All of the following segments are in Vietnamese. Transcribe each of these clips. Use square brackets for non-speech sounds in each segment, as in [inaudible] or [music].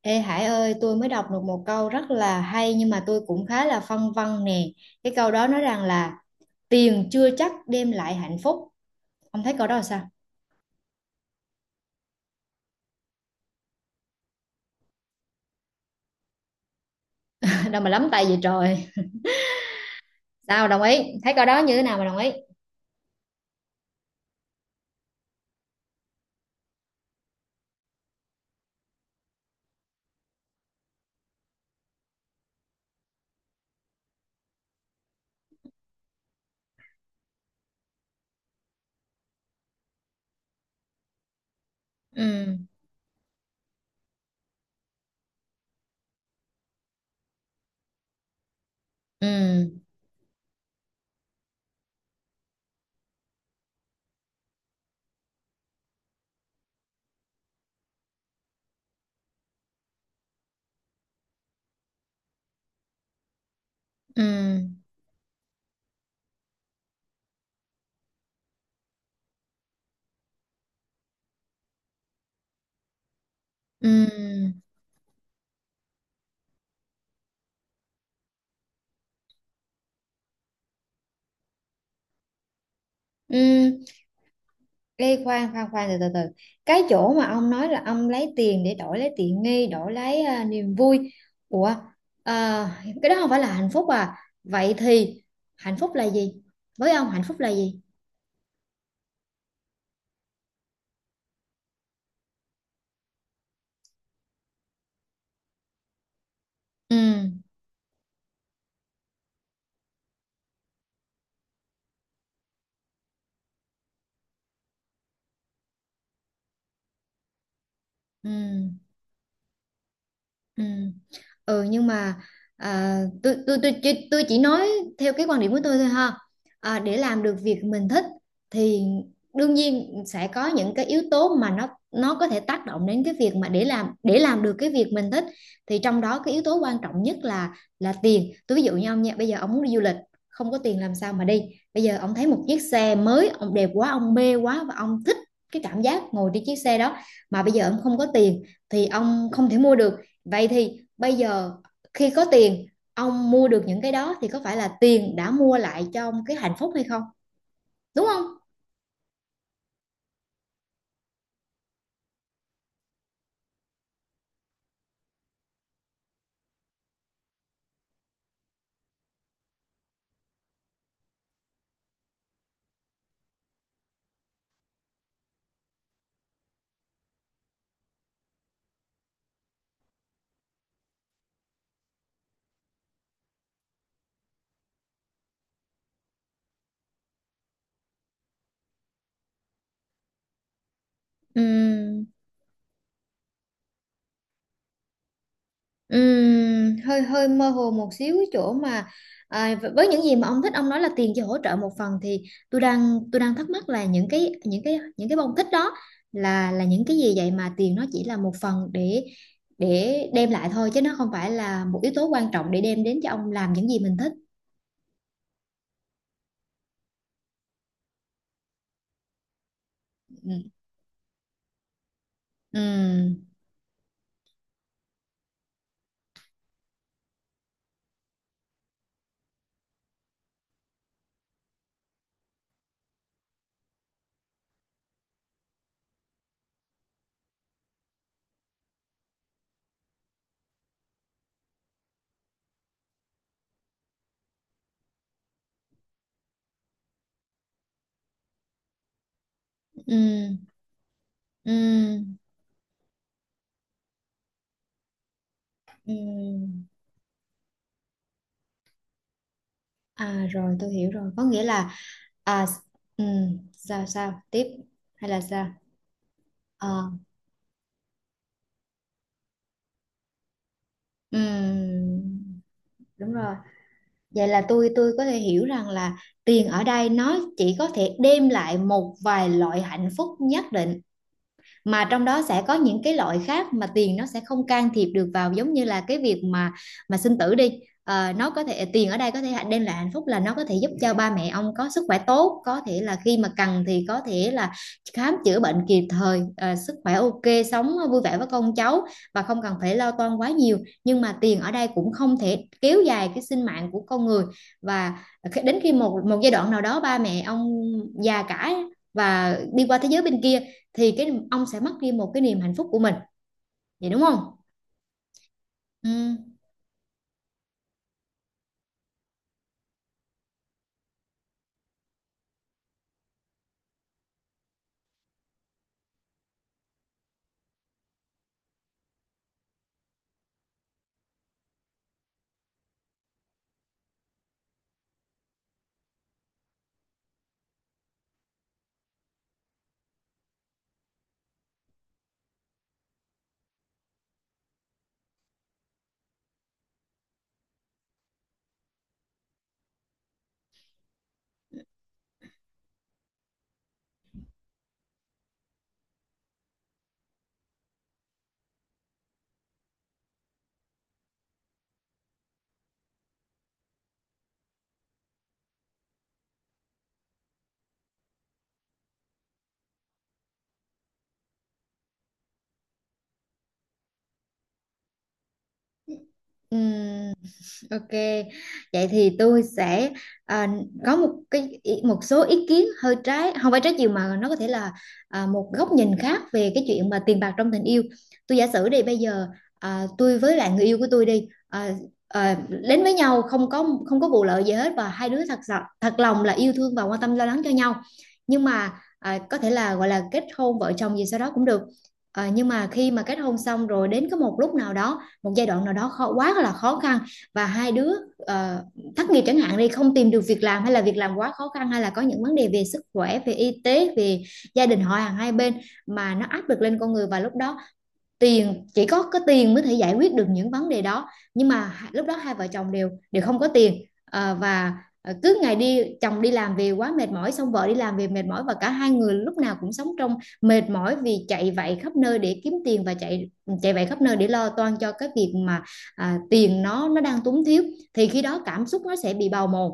Ê Hải ơi, tôi mới đọc được một câu rất là hay nhưng mà tôi cũng khá là phân vân nè. Cái câu đó nói rằng là tiền chưa chắc đem lại hạnh phúc. Ông thấy câu đó là sao? [laughs] Đâu mà lắm tay vậy trời. Sao đồng ý? Thấy câu đó như thế nào mà đồng ý? Ừ, ừ, ừ, ừ, ừ. Ê, khoan khoan khoan, từ từ từ, cái chỗ mà ông nói là ông lấy tiền để đổi lấy tiện nghi, đổi lấy niềm vui. Ủa, cái đó không phải là hạnh phúc à? Vậy thì hạnh phúc là gì, với ông hạnh phúc là gì? Ừ, ừ, ừ, ừ, nhưng mà tôi chỉ nói theo cái quan điểm của tôi thôi ha. Để làm được việc mình thích thì đương nhiên sẽ có những cái yếu tố mà nó có thể tác động đến cái việc mà để làm được cái việc mình thích, thì trong đó cái yếu tố quan trọng nhất là tiền. Tôi ví dụ như ông nha, bây giờ ông muốn đi du lịch, không có tiền làm sao mà đi? Bây giờ ông thấy một chiếc xe mới, ông đẹp quá, ông mê quá, và ông thích cái cảm giác ngồi trên chiếc xe đó, mà bây giờ ông không có tiền thì ông không thể mua được. Vậy thì bây giờ khi có tiền, ông mua được những cái đó, thì có phải là tiền đã mua lại cho ông cái hạnh phúc hay không? Đúng không? Ừm, hơi hơi mơ hồ một xíu cái chỗ mà với những gì mà ông thích, ông nói là tiền chỉ hỗ trợ một phần, thì tôi đang thắc mắc là những cái bông thích đó là những cái gì vậy, mà tiền nó chỉ là một phần để đem lại thôi, chứ nó không phải là một yếu tố quan trọng để đem đến cho ông làm những gì mình thích. Ừm, ừm, ừm, ừm. À rồi, tôi hiểu rồi, có nghĩa là à sao sao tiếp hay là sao? Ờ, ừm, đúng rồi, vậy là tôi có thể hiểu rằng là tiền ở đây nó chỉ có thể đem lại một vài loại hạnh phúc nhất định, mà trong đó sẽ có những cái loại khác mà tiền nó sẽ không can thiệp được vào, giống như là cái việc mà sinh tử đi. Ờ, nó có thể, tiền ở đây có thể đem lại hạnh phúc là nó có thể giúp cho ba mẹ ông có sức khỏe tốt, có thể là khi mà cần thì có thể là khám chữa bệnh kịp thời, sức khỏe ok, sống vui vẻ với con cháu, và không cần phải lo toan quá nhiều. Nhưng mà tiền ở đây cũng không thể kéo dài cái sinh mạng của con người, và đến khi một một giai đoạn nào đó, ba mẹ ông già cả và đi qua thế giới bên kia, thì cái ông sẽ mất đi một cái niềm hạnh phúc của mình. Vậy đúng không? Ừ, ừ. Ok, vậy thì tôi sẽ à, có một cái một số ý kiến hơi trái, không phải trái chiều mà nó có thể là một góc nhìn khác về cái chuyện mà tiền bạc trong tình yêu. Tôi giả sử đi, bây giờ tôi với lại người yêu của tôi đi, đến với nhau không có vụ lợi gì hết, và hai đứa thật sự thật lòng là yêu thương và quan tâm lo lắng cho nhau. Nhưng mà có thể là gọi là kết hôn vợ chồng gì sau đó cũng được. À, nhưng mà khi mà kết hôn xong rồi, đến có một lúc nào đó, một giai đoạn nào đó khó quá là khó khăn, và hai đứa ờ, thất nghiệp chẳng hạn đi, không tìm được việc làm, hay là việc làm quá khó khăn, hay là có những vấn đề về sức khỏe, về y tế, về gia đình họ hàng hai bên, mà nó áp lực lên con người. Và lúc đó tiền, chỉ có tiền mới thể giải quyết được những vấn đề đó, nhưng mà lúc đó hai vợ chồng đều đều không có tiền. Ờ, và cứ ngày đi, chồng đi làm về quá mệt mỏi, xong vợ đi làm về mệt mỏi, và cả hai người lúc nào cũng sống trong mệt mỏi, vì chạy vạy khắp nơi để kiếm tiền, và chạy chạy vạy khắp nơi để lo toan cho cái việc mà tiền nó đang túng thiếu. Thì khi đó cảm xúc nó sẽ bị bào mòn,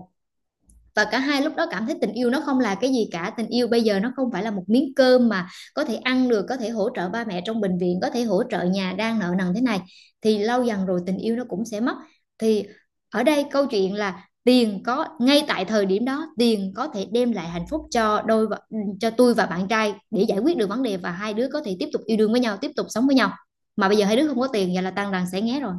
và cả hai lúc đó cảm thấy tình yêu nó không là cái gì cả. Tình yêu bây giờ nó không phải là một miếng cơm mà có thể ăn được, có thể hỗ trợ ba mẹ trong bệnh viện, có thể hỗ trợ nhà đang nợ nần thế này. Thì lâu dần rồi tình yêu nó cũng sẽ mất. Thì ở đây câu chuyện là tiền, có ngay tại thời điểm đó tiền có thể đem lại hạnh phúc cho đôi cho tôi và bạn trai, để giải quyết được vấn đề, và hai đứa có thể tiếp tục yêu đương với nhau, tiếp tục sống với nhau. Mà bây giờ hai đứa không có tiền, vậy là tan đàn sẽ nghé rồi.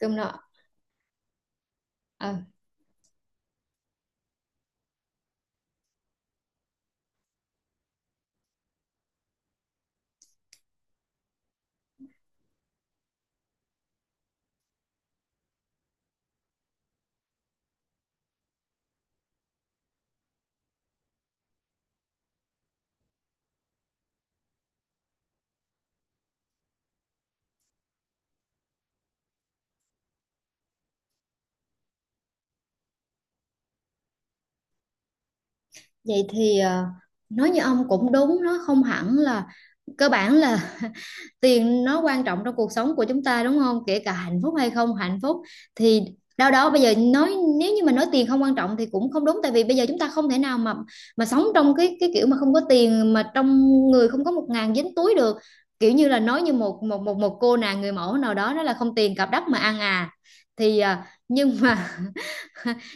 Cơm nọ. Ờ. Vậy thì nói như ông cũng đúng, nó không hẳn là cơ bản là [laughs] tiền nó quan trọng trong cuộc sống của chúng ta, đúng không? Kể cả hạnh phúc hay không hạnh phúc, thì đâu đó bây giờ nói, nếu như mà nói tiền không quan trọng thì cũng không đúng, tại vì bây giờ chúng ta không thể nào mà sống trong cái kiểu mà không có tiền, mà trong người không có 1.000 dính túi được. Kiểu như là nói như một một một một cô nàng người mẫu nào đó, là không tiền cặp đất mà ăn à. Thì nhưng mà [laughs]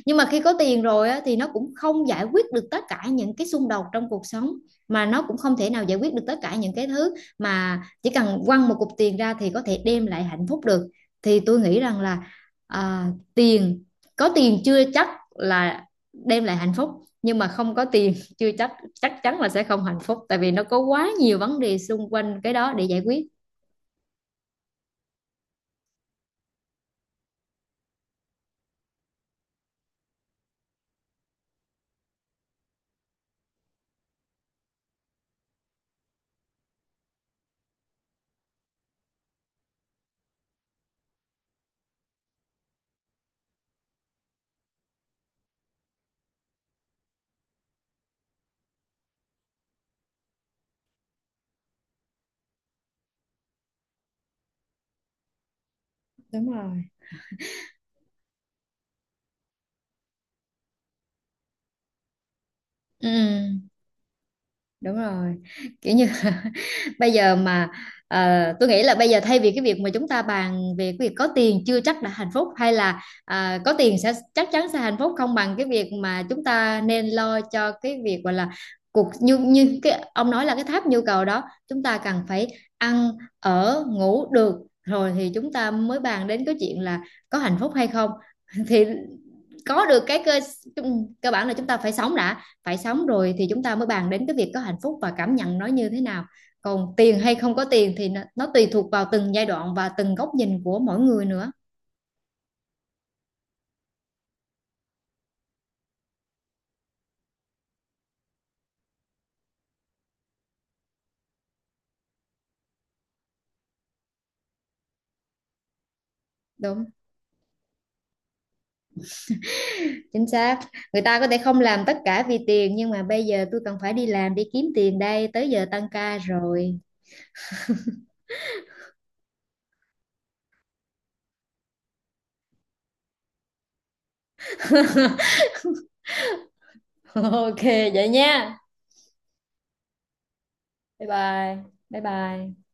nhưng mà khi có tiền rồi á, thì nó cũng không giải quyết được tất cả những cái xung đột trong cuộc sống, mà nó cũng không thể nào giải quyết được tất cả những cái thứ mà chỉ cần quăng một cục tiền ra thì có thể đem lại hạnh phúc được. Thì tôi nghĩ rằng là à, tiền, có tiền chưa chắc là đem lại hạnh phúc, nhưng mà không có tiền [laughs] chưa chắc chắc chắn là sẽ không hạnh phúc, tại vì nó có quá nhiều vấn đề xung quanh cái đó để giải quyết. Đúng rồi. Ừ, đúng rồi, kiểu như [laughs] bây giờ mà tôi nghĩ là bây giờ, thay vì cái việc mà chúng ta bàn về cái việc có tiền chưa chắc đã hạnh phúc, hay là có tiền sẽ chắc chắn sẽ hạnh phúc, không bằng cái việc mà chúng ta nên lo cho cái việc gọi là cuộc, như như cái ông nói là cái tháp nhu cầu đó. Chúng ta cần phải ăn, ở, ngủ được, rồi thì chúng ta mới bàn đến cái chuyện là có hạnh phúc hay không. [laughs] Thì có được cái cơ cơ bản là chúng ta phải sống đã. Phải sống rồi thì chúng ta mới bàn đến cái việc có hạnh phúc và cảm nhận nó như thế nào. Còn tiền hay không có tiền, thì nó tùy thuộc vào từng giai đoạn và từng góc nhìn của mỗi người nữa. Đúng, chính xác. Người ta có thể không làm tất cả vì tiền, nhưng mà bây giờ tôi cần phải đi làm, đi kiếm tiền đây, tới giờ tăng ca rồi. [laughs] Ok, vậy nha, bye bye, bye bye.